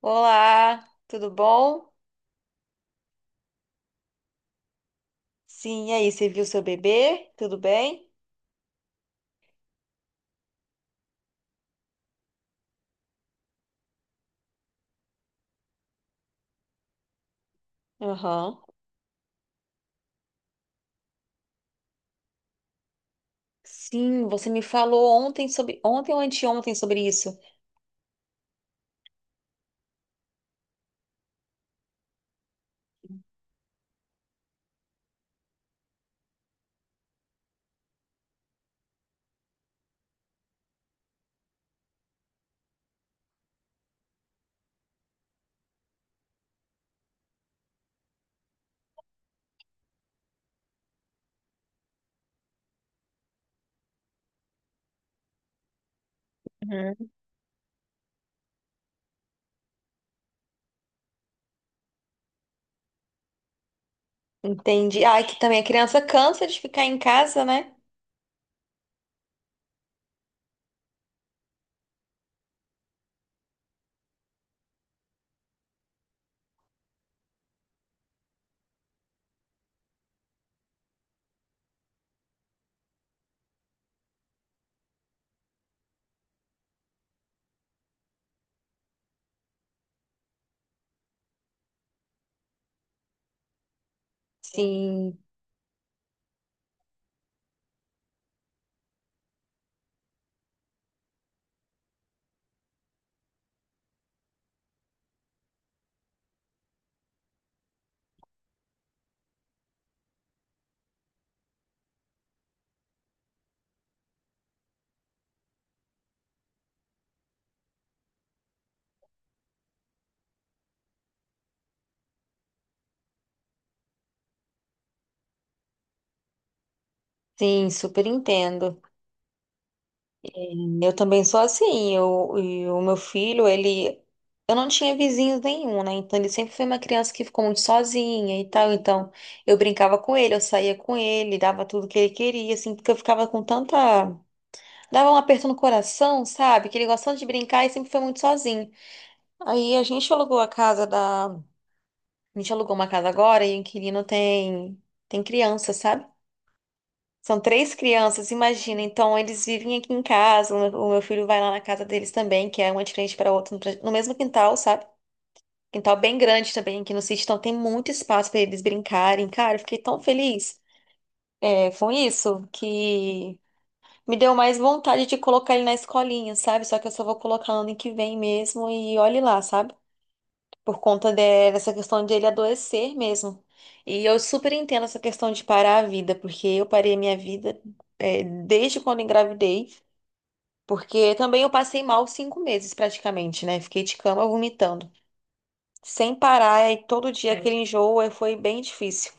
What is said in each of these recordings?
Olá, tudo bom? Sim, e aí, você viu seu bebê? Tudo bem? Aham. Sim, você me falou ontem sobre, ontem ou anteontem sobre isso. Uhum. Entendi. Ai, que também a criança cansa de ficar em casa, né? Sim, sim, super entendo. Eu também sou assim. Eu, e o meu filho, ele. Eu não tinha vizinhos nenhum, né? Então ele sempre foi uma criança que ficou muito sozinha e tal. Então eu brincava com ele, eu saía com ele, dava tudo que ele queria, assim, porque eu ficava com tanta. Dava um aperto no coração, sabe? Que ele gostava de brincar e sempre foi muito sozinho. Aí a gente alugou a casa da. A gente alugou uma casa agora e o inquilino tem. Tem criança, sabe? São três crianças, imagina. Então, eles vivem aqui em casa. O meu filho vai lá na casa deles também, que é uma de frente para outra, no mesmo quintal, sabe? Quintal bem grande também aqui no sítio, então tem muito espaço para eles brincarem. Cara, eu fiquei tão feliz com isso que me deu mais vontade de colocar ele na escolinha, sabe? Só que eu só vou colocar ano que vem mesmo e olhe lá, sabe? Por conta de- dessa questão de ele adoecer mesmo. E eu super entendo essa questão de parar a vida, porque eu parei a minha vida desde quando engravidei, porque também eu passei mal 5 meses praticamente, né? Fiquei de cama vomitando. Sem parar, e todo dia aquele enjoo foi bem difícil.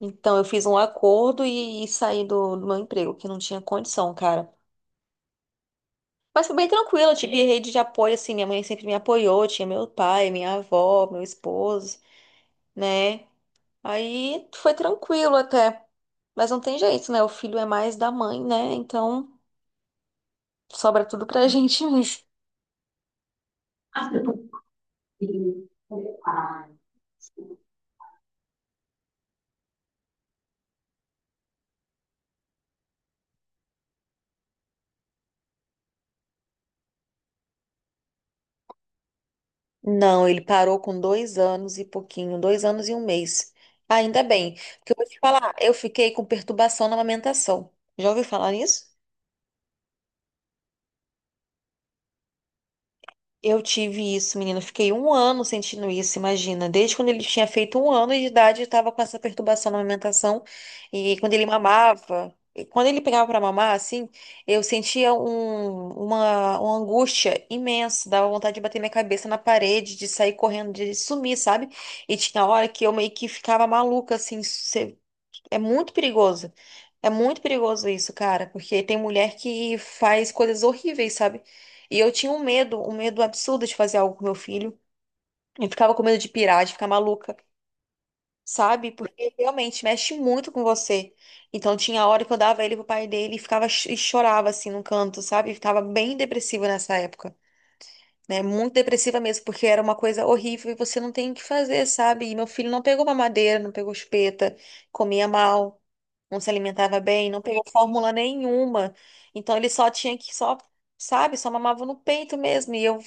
Então eu fiz um acordo e, e saí do meu emprego, que não tinha condição, cara. Mas foi bem tranquilo, eu tive rede de apoio, assim, minha mãe sempre me apoiou, tinha meu pai, minha avó, meu esposo, né? Aí foi tranquilo até. Mas não tem jeito, né? O filho é mais da mãe, né? Então sobra tudo pra gente mesmo. Não, ele parou com 2 anos e pouquinho, 2 anos e 1 mês. Ainda bem, porque eu vou te falar, eu fiquei com perturbação na amamentação. Já ouviu falar nisso? Eu tive isso, menina. Eu fiquei um ano sentindo isso, imagina. Desde quando ele tinha feito 1 ano de idade, eu estava com essa perturbação na alimentação. E quando ele mamava, e quando ele pegava para mamar, assim, eu sentia uma angústia imensa. Dava vontade de bater minha cabeça na parede, de sair correndo, de sumir, sabe? E tinha hora que eu meio que ficava maluca, assim, é muito perigoso. É muito perigoso isso, cara, porque tem mulher que faz coisas horríveis, sabe? E eu tinha um medo absurdo de fazer algo com meu filho. Eu ficava com medo de pirar, de ficar maluca, sabe? Porque realmente mexe muito com você. Então tinha hora que eu dava ele pro pai dele e ficava e chorava assim no canto, sabe? Ficava bem depressiva nessa época, né? Muito depressiva mesmo, porque era uma coisa horrível e você não tem o que fazer, sabe? E meu filho não pegou mamadeira, não pegou chupeta, comia mal, não se alimentava bem, não pegou fórmula nenhuma. Então ele só tinha que só, sabe, só mamava no peito mesmo. E eu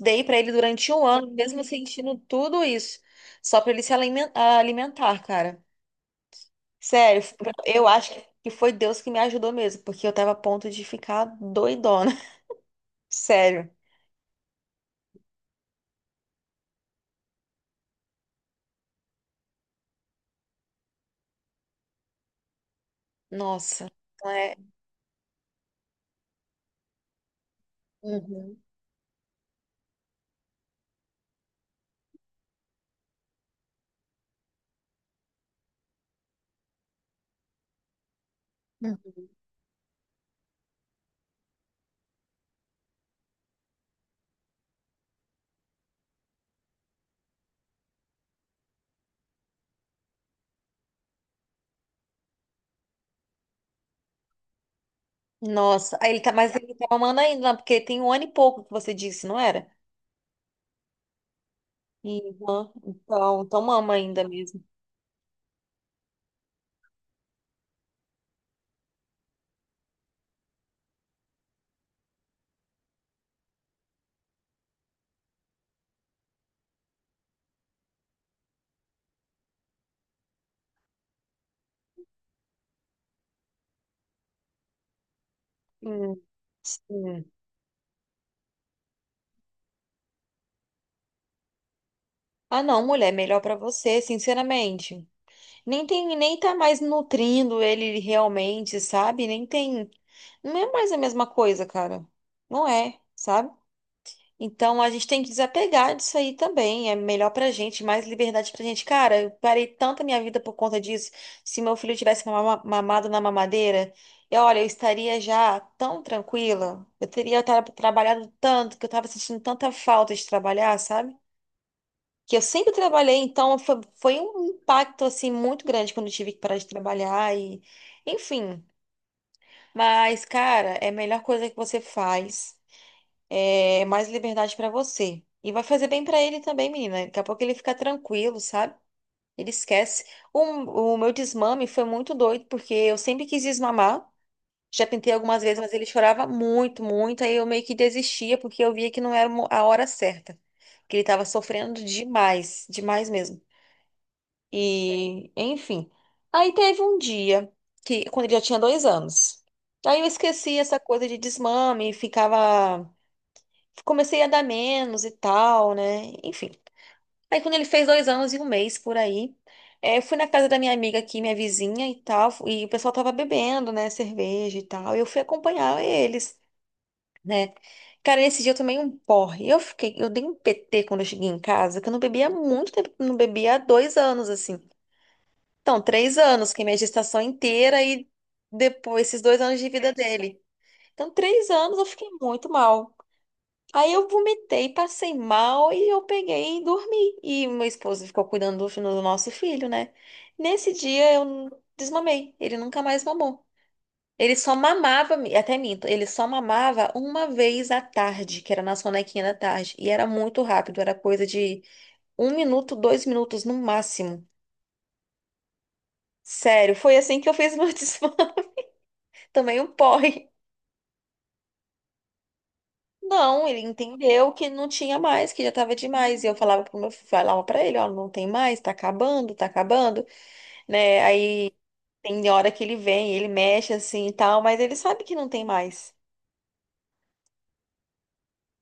dei pra ele durante um ano, mesmo sentindo tudo isso, só pra ele se alimentar, cara. Sério, eu acho que foi Deus que me ajudou mesmo, porque eu tava a ponto de ficar doidona. Sério. Nossa. Não é. Uhum. Nossa, aí ele tá, mas ele tá mamando ainda, né? Porque tem um ano e pouco que você disse, não era? Uhum. Então, então mama ainda mesmo. Hum, sim. Ah, não, mulher, melhor pra você, sinceramente. Nem tem, nem tá mais nutrindo ele realmente, sabe? Nem tem, não é mais a mesma coisa, cara. Não é, sabe? Então a gente tem que desapegar disso aí também. É melhor pra gente, mais liberdade pra gente. Cara, eu parei tanta minha vida por conta disso. Se meu filho tivesse mamado na mamadeira, eu, olha, eu estaria já tão tranquila. Eu teria trabalhado tanto, que eu tava sentindo tanta falta de trabalhar, sabe? Que eu sempre trabalhei, então foi, foi um impacto assim muito grande quando eu tive que parar de trabalhar e enfim. Mas, cara, é a melhor coisa que você faz é, mais liberdade pra você. E vai fazer bem pra ele também, menina. Daqui a pouco ele fica tranquilo, sabe? Ele esquece. O, o meu desmame foi muito doido, porque eu sempre quis desmamar. Já tentei algumas vezes, mas ele chorava muito, muito. Aí eu meio que desistia, porque eu via que não era a hora certa. Que ele tava sofrendo demais, demais mesmo. E, enfim. Aí teve um dia, que quando ele já tinha 2 anos. Aí eu esqueci essa coisa de desmame, ficava comecei a dar menos e tal, né? Enfim. Aí quando ele fez 2 anos e 1 mês por aí, eu fui na casa da minha amiga aqui, minha vizinha e tal, e o pessoal tava bebendo, né, cerveja e tal, e eu fui acompanhar eles, né? Cara, nesse dia eu tomei um porre. Eu fiquei, eu dei um PT quando eu cheguei em casa, que eu não bebia há muito tempo, que eu não bebia há 2 anos, assim. Então, 3 anos, que é minha gestação inteira e depois esses 2 anos de vida dele. Então, 3 anos eu fiquei muito mal. Aí eu vomitei, passei mal e eu peguei e dormi. E meu esposo ficou cuidando do, do nosso filho, né? Nesse dia eu desmamei. Ele nunca mais mamou. Ele só mamava, até minto, ele só mamava uma vez à tarde, que era na sonequinha da tarde. E era muito rápido, era coisa de 1 minuto, 2 minutos no máximo. Sério, foi assim que eu fiz meu desmame. Também um porre. Não, ele entendeu que não tinha mais, que já tava demais. E eu falava pro meu falava para ele, ó, não tem mais, tá acabando, né? Aí tem hora que ele vem, ele mexe assim e tal, mas ele sabe que não tem mais.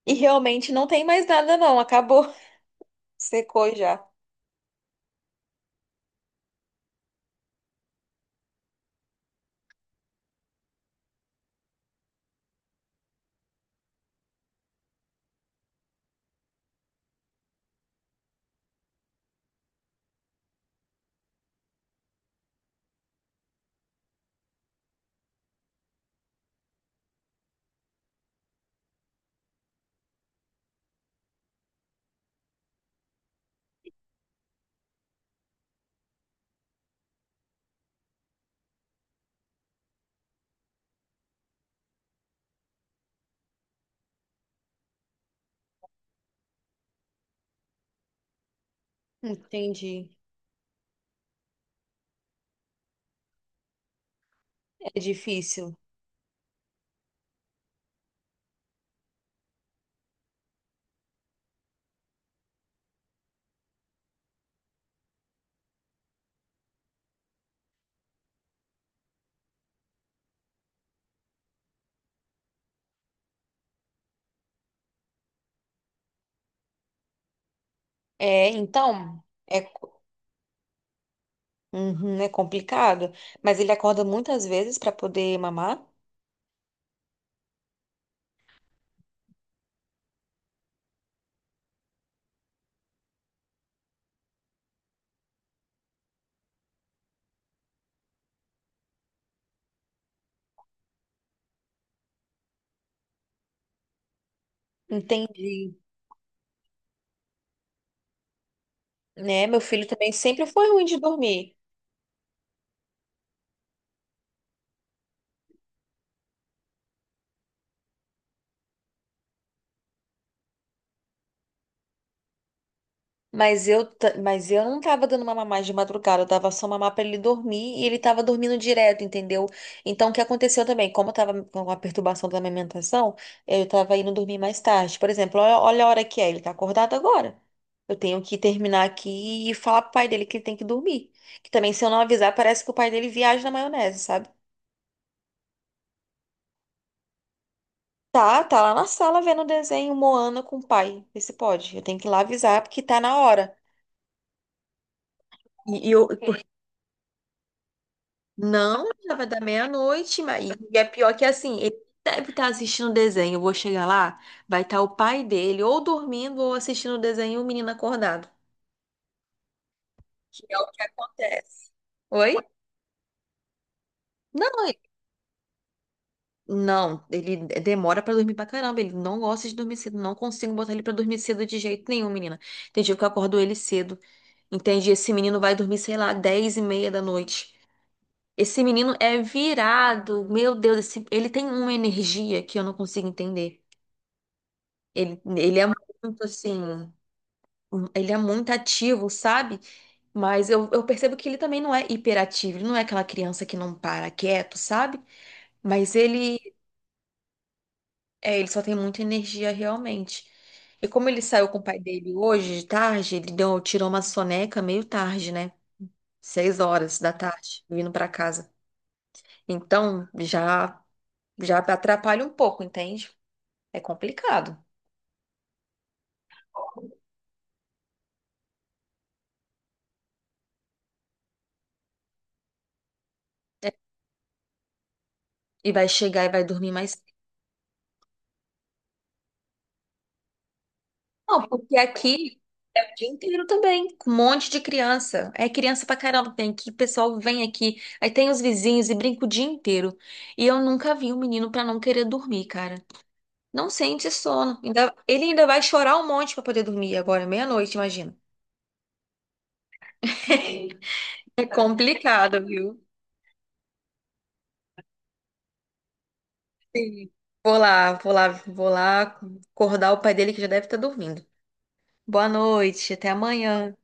E realmente não tem mais nada, não, acabou, secou já. Entendi. É difícil. É, então, é, co- uhum, é complicado, mas ele acorda muitas vezes para poder mamar. Entendi. Né? Meu filho também sempre foi ruim de dormir. Mas eu não tava dando mamar mais de madrugada, eu dava só mamar pra ele dormir e ele tava dormindo direto, entendeu? Então o que aconteceu também? Como eu tava com uma perturbação da amamentação, eu tava indo dormir mais tarde. Por exemplo, olha, olha a hora que é, ele tá acordado agora. Eu tenho que terminar aqui e falar pro pai dele que ele tem que dormir. Que também, se eu não avisar, parece que o pai dele viaja na maionese, sabe? Tá, tá lá na sala vendo o desenho Moana com o pai. Vê se pode. Eu tenho que ir lá avisar porque tá na hora. E eu, por Não, já vai dar meia-noite, mas... e é pior que assim, ele deve estar assistindo o desenho. Eu vou chegar lá, vai estar o pai dele ou dormindo ou assistindo o desenho e o menino acordado. Que é o que acontece. Oi? Não, não, ele demora pra dormir pra caramba. Ele não gosta de dormir cedo. Não consigo botar ele pra dormir cedo de jeito nenhum, menina. Tem dia que eu acordo ele cedo. Entendi. Esse menino vai dormir, sei lá, 10:30 da noite. Esse menino é virado. Meu Deus, ele tem uma energia que eu não consigo entender. Ele é muito assim, ele é muito ativo, sabe? Mas eu percebo que ele também não é hiperativo, ele não é aquela criança que não para quieto, sabe? Mas ele, ele só tem muita energia realmente. E como ele saiu com o pai dele hoje, de tarde, ele deu, tirou uma soneca meio tarde, né? 6 horas da tarde, vindo pra casa. Então, já, já atrapalha um pouco, entende? É complicado. E vai chegar e vai dormir mais. Não, porque aqui é o dia inteiro também, com um monte de criança. É criança pra caramba que tem aqui, o pessoal vem aqui, aí tem os vizinhos e brinca o dia inteiro. E eu nunca vi um menino pra não querer dormir, cara. Não sente sono. Ele ainda vai chorar um monte pra poder dormir agora, meia-noite, imagina. É complicado, viu? Sim. Vou lá, vou lá, vou lá acordar o pai dele que já deve estar dormindo. Boa noite, até amanhã.